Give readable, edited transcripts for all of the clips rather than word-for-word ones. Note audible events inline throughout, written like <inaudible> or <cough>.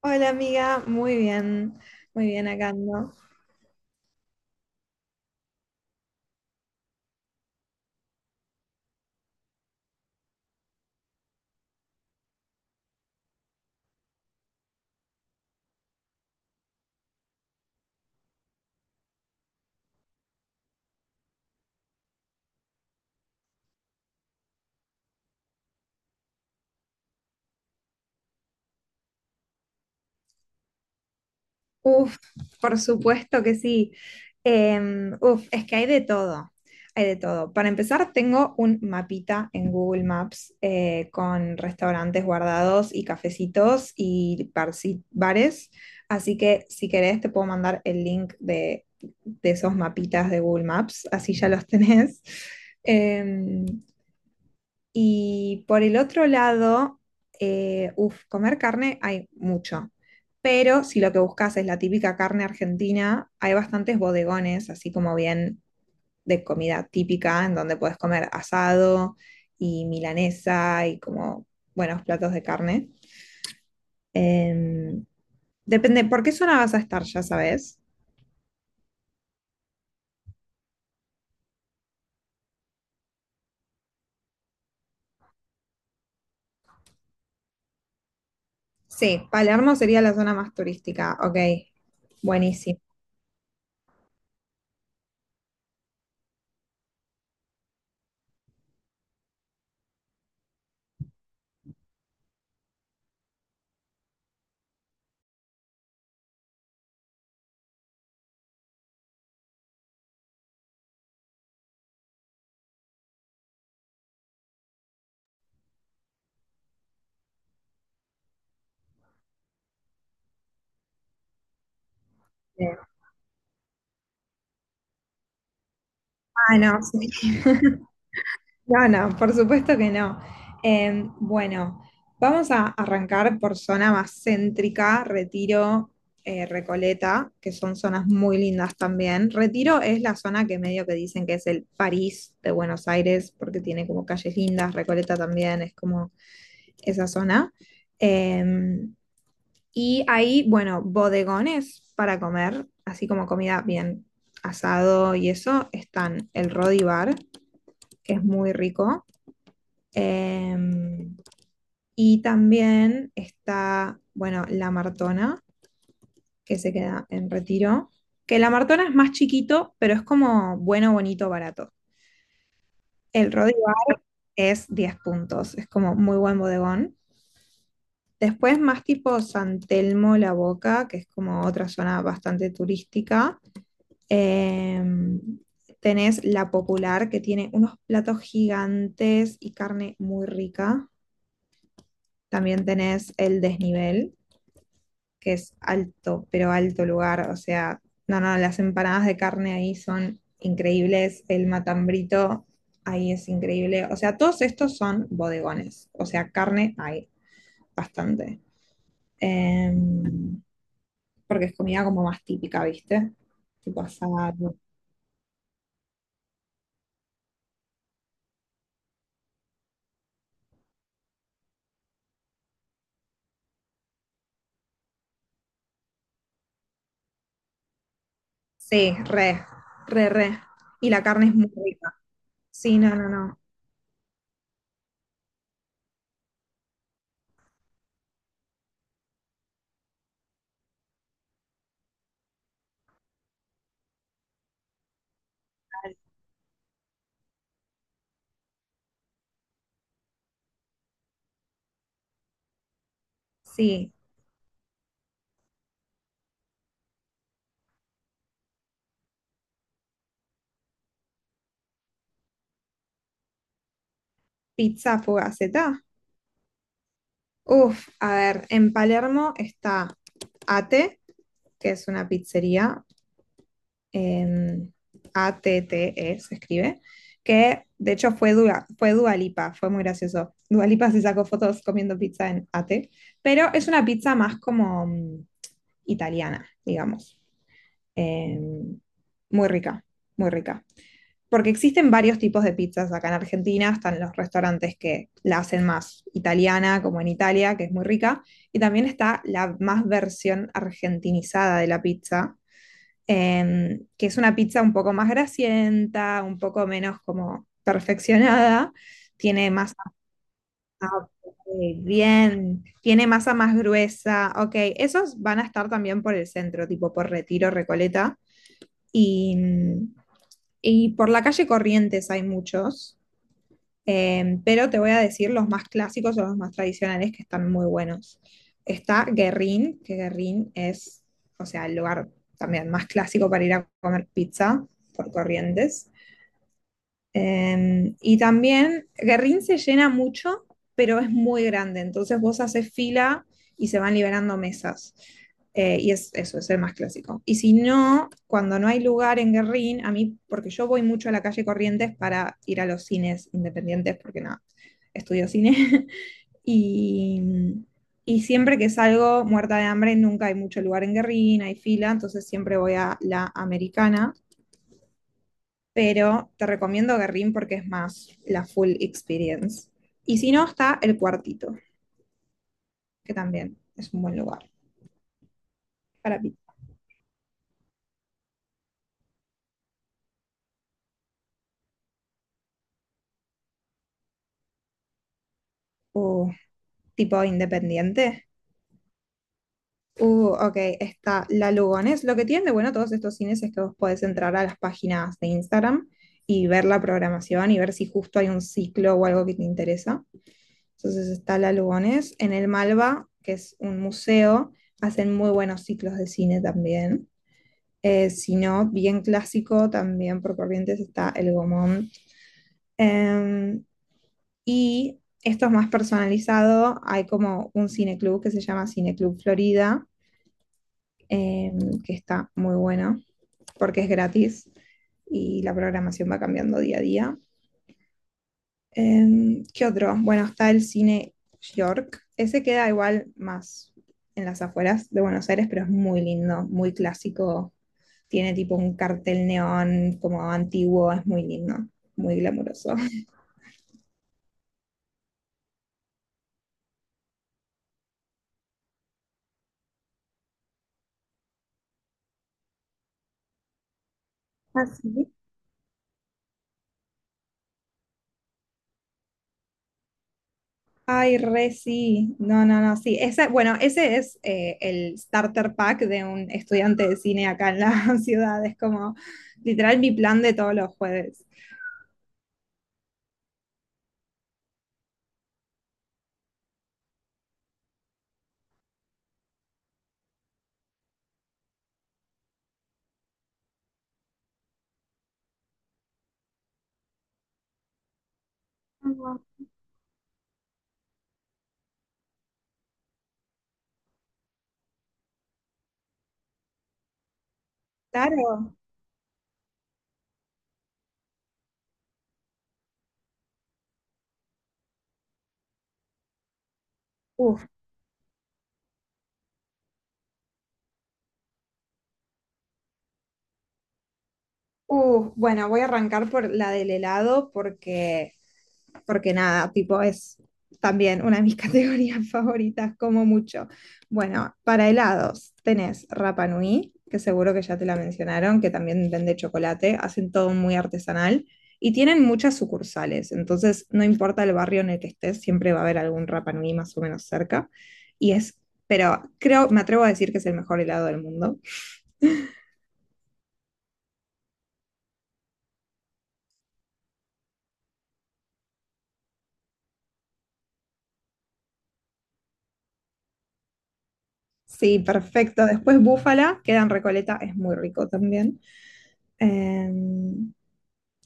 Hola amiga, muy bien acá ando. Uf, por supuesto que sí. Es que hay de todo, hay de todo. Para empezar, tengo un mapita en Google Maps con restaurantes guardados y cafecitos y bares, así que si querés te puedo mandar el link de esos mapitas de Google Maps, así ya los tenés. Em, Y por el otro lado, comer carne hay mucho. Pero si lo que buscas es la típica carne argentina, hay bastantes bodegones, así como bien de comida típica, en donde puedes comer asado y milanesa y como buenos platos de carne. Em, Depende, ¿por qué zona vas a estar, ya sabes? Sí, Palermo sería la zona más turística, ok, buenísimo. Eh, Ah, no, sí. <laughs> No, no, por supuesto que no. Bueno, vamos a arrancar por zona más céntrica, Retiro, Recoleta, que son zonas muy lindas también. Retiro es la zona que medio que dicen que es el París de Buenos Aires, porque tiene como calles lindas, Recoleta también es como esa zona. Em, y ahí, bueno, bodegones para comer, así como comida bien asado y eso, están el Rodi Bar, que es muy rico, eh, y también está, bueno, La Martona, que se queda en Retiro, que La Martona es más chiquito, pero es como bueno, bonito, barato. El Rodiva es 10 puntos, es como muy buen bodegón. Después más tipo San Telmo, La Boca, que es como otra zona bastante turística. Eh, Tenés La Popular, que tiene unos platos gigantes y carne muy rica. También tenés el desnivel, que es alto, pero alto lugar. O sea, no, no, las empanadas de carne ahí son increíbles. El matambrito ahí es increíble. O sea, todos estos son bodegones. O sea, carne hay bastante. Em, Porque es comida como más típica, ¿viste? Tipo asado. Sí, re, re, re. Y la carne es muy rica. Sí, no, no, no. Sí, pizza fugaceta. Uf, a ver, en Palermo está Ate, que es una pizzería, em, ATTE se escribe, que de hecho fue Dua Lipa, fue muy gracioso. Dua Lipa se sacó fotos comiendo pizza en ATE, pero es una pizza más como italiana, digamos. Em, Muy rica, muy rica. Porque existen varios tipos de pizzas acá en Argentina, están los restaurantes que la hacen más italiana, como en Italia, que es muy rica, y también está la más versión argentinizada de la pizza, que es una pizza un poco más grasienta, un poco menos como perfeccionada, tiene masa ah, ok, bien, tiene masa más gruesa, ok, esos van a estar también por el centro, tipo por Retiro, Recoleta, y, y por la calle Corrientes hay muchos. Pero te voy a decir los más clásicos o los más tradicionales que están muy buenos. Está Guerrín, que Guerrín es, o sea, el lugar también más clásico para ir a comer pizza por Corrientes. Y también Guerrín se llena mucho, pero es muy grande, entonces vos haces fila y se van liberando mesas. Y es eso, es el más clásico. Y si no, cuando no hay lugar en Guerrín, a mí, porque yo voy mucho a la calle Corrientes para ir a los cines independientes, porque no, estudio cine. <laughs> y, y siempre que salgo muerta de hambre, nunca hay mucho lugar en Guerrín, hay fila, entonces siempre voy a la americana, pero te recomiendo Guerrín porque es más la full experience. Y si no, está El Cuartito, que también es un buen lugar para uh, tipo independiente. Ok, está La Lugones. Lo que tienen de bueno todos estos cines es que vos podés entrar a las páginas de Instagram y ver la programación y ver si justo hay un ciclo o algo que te interesa. Entonces está La Lugones. En el Malva, que es un museo, hacen muy buenos ciclos de cine también. Si no, bien clásico también por Corrientes está el Gomón. Em, y esto es más personalizado. Hay como un cineclub que se llama Cineclub Florida, que está muy bueno porque es gratis y la programación va cambiando día a día. ¿Qué otro? Bueno, está el cine York. Ese queda igual más en las afueras de Buenos Aires, pero es muy lindo, muy clásico. Tiene tipo un cartel neón como antiguo, es muy lindo, muy glamuroso. ¿Ah, sí? Ay, re sí. No, no, no, sí. Ese, bueno, ese es el starter pack de un estudiante de cine acá en la <laughs> ciudad. Es como literal mi plan de todos los jueves. Ujú. Claro. Uf, uf. Bueno, voy a arrancar por la del helado porque, porque nada, tipo es también una de mis <laughs> categorías favoritas, como mucho. Bueno, para helados tenés Rapa Nui, que seguro que ya te la mencionaron, que también vende chocolate, hacen todo muy artesanal y tienen muchas sucursales, entonces no importa el barrio en el que estés, siempre va a haber algún Rapa Nui más o menos cerca. Y es, pero creo, me atrevo a decir que es el mejor helado del mundo. Sí, perfecto. Después búfala, queda en Recoleta, es muy rico también. Eh,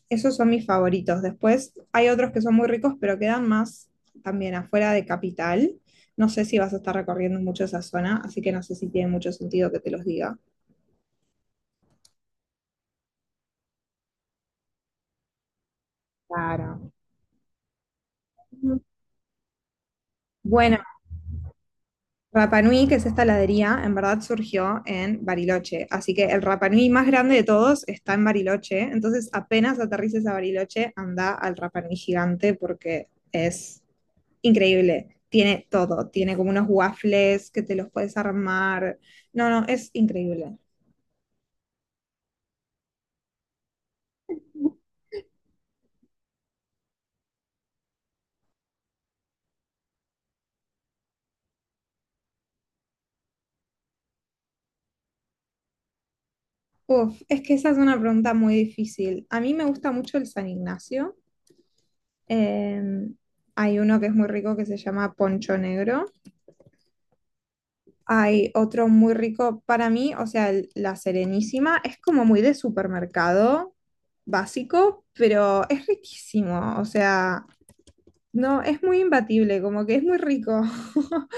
Esos son mis favoritos. Después hay otros que son muy ricos, pero quedan más también afuera de Capital. No sé si vas a estar recorriendo mucho esa zona, así que no sé si tiene mucho sentido que te los diga. Claro. Bueno, Rapa Nui, que es esta heladería, en verdad surgió en Bariloche. Así que el Rapa Nui más grande de todos está en Bariloche. Entonces, apenas aterrices a Bariloche, anda al Rapa Nui gigante porque es increíble. Tiene todo. Tiene como unos waffles que te los puedes armar. No, no, es increíble. Uf, es que esa es una pregunta muy difícil. A mí me gusta mucho el San Ignacio. Em, Hay uno que es muy rico que se llama Poncho Negro. Hay otro muy rico para mí, o sea, el- la Serenísima es como muy de supermercado básico, pero es riquísimo, o sea, no, es muy imbatible, como que es muy rico. <laughs>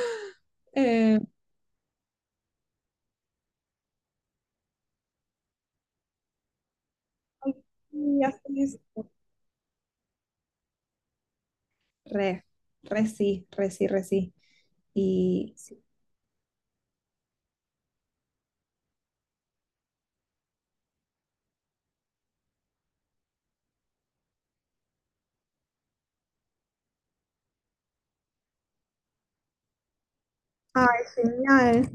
Eh, y así es, re, re sí, re sí, re sí. Y, sí. Ay, genial.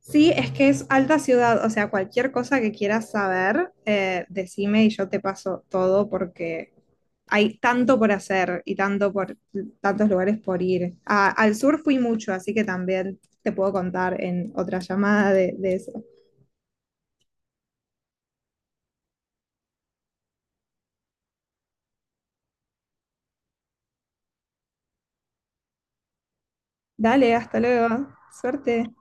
Sí, es que es alta ciudad, o sea, cualquier cosa que quieras saber, decime y yo te paso todo porque hay tanto por hacer y tanto por tantos lugares por ir. A- al sur fui mucho, así que también te puedo contar en otra llamada de eso. Dale, hasta luego. Suerte.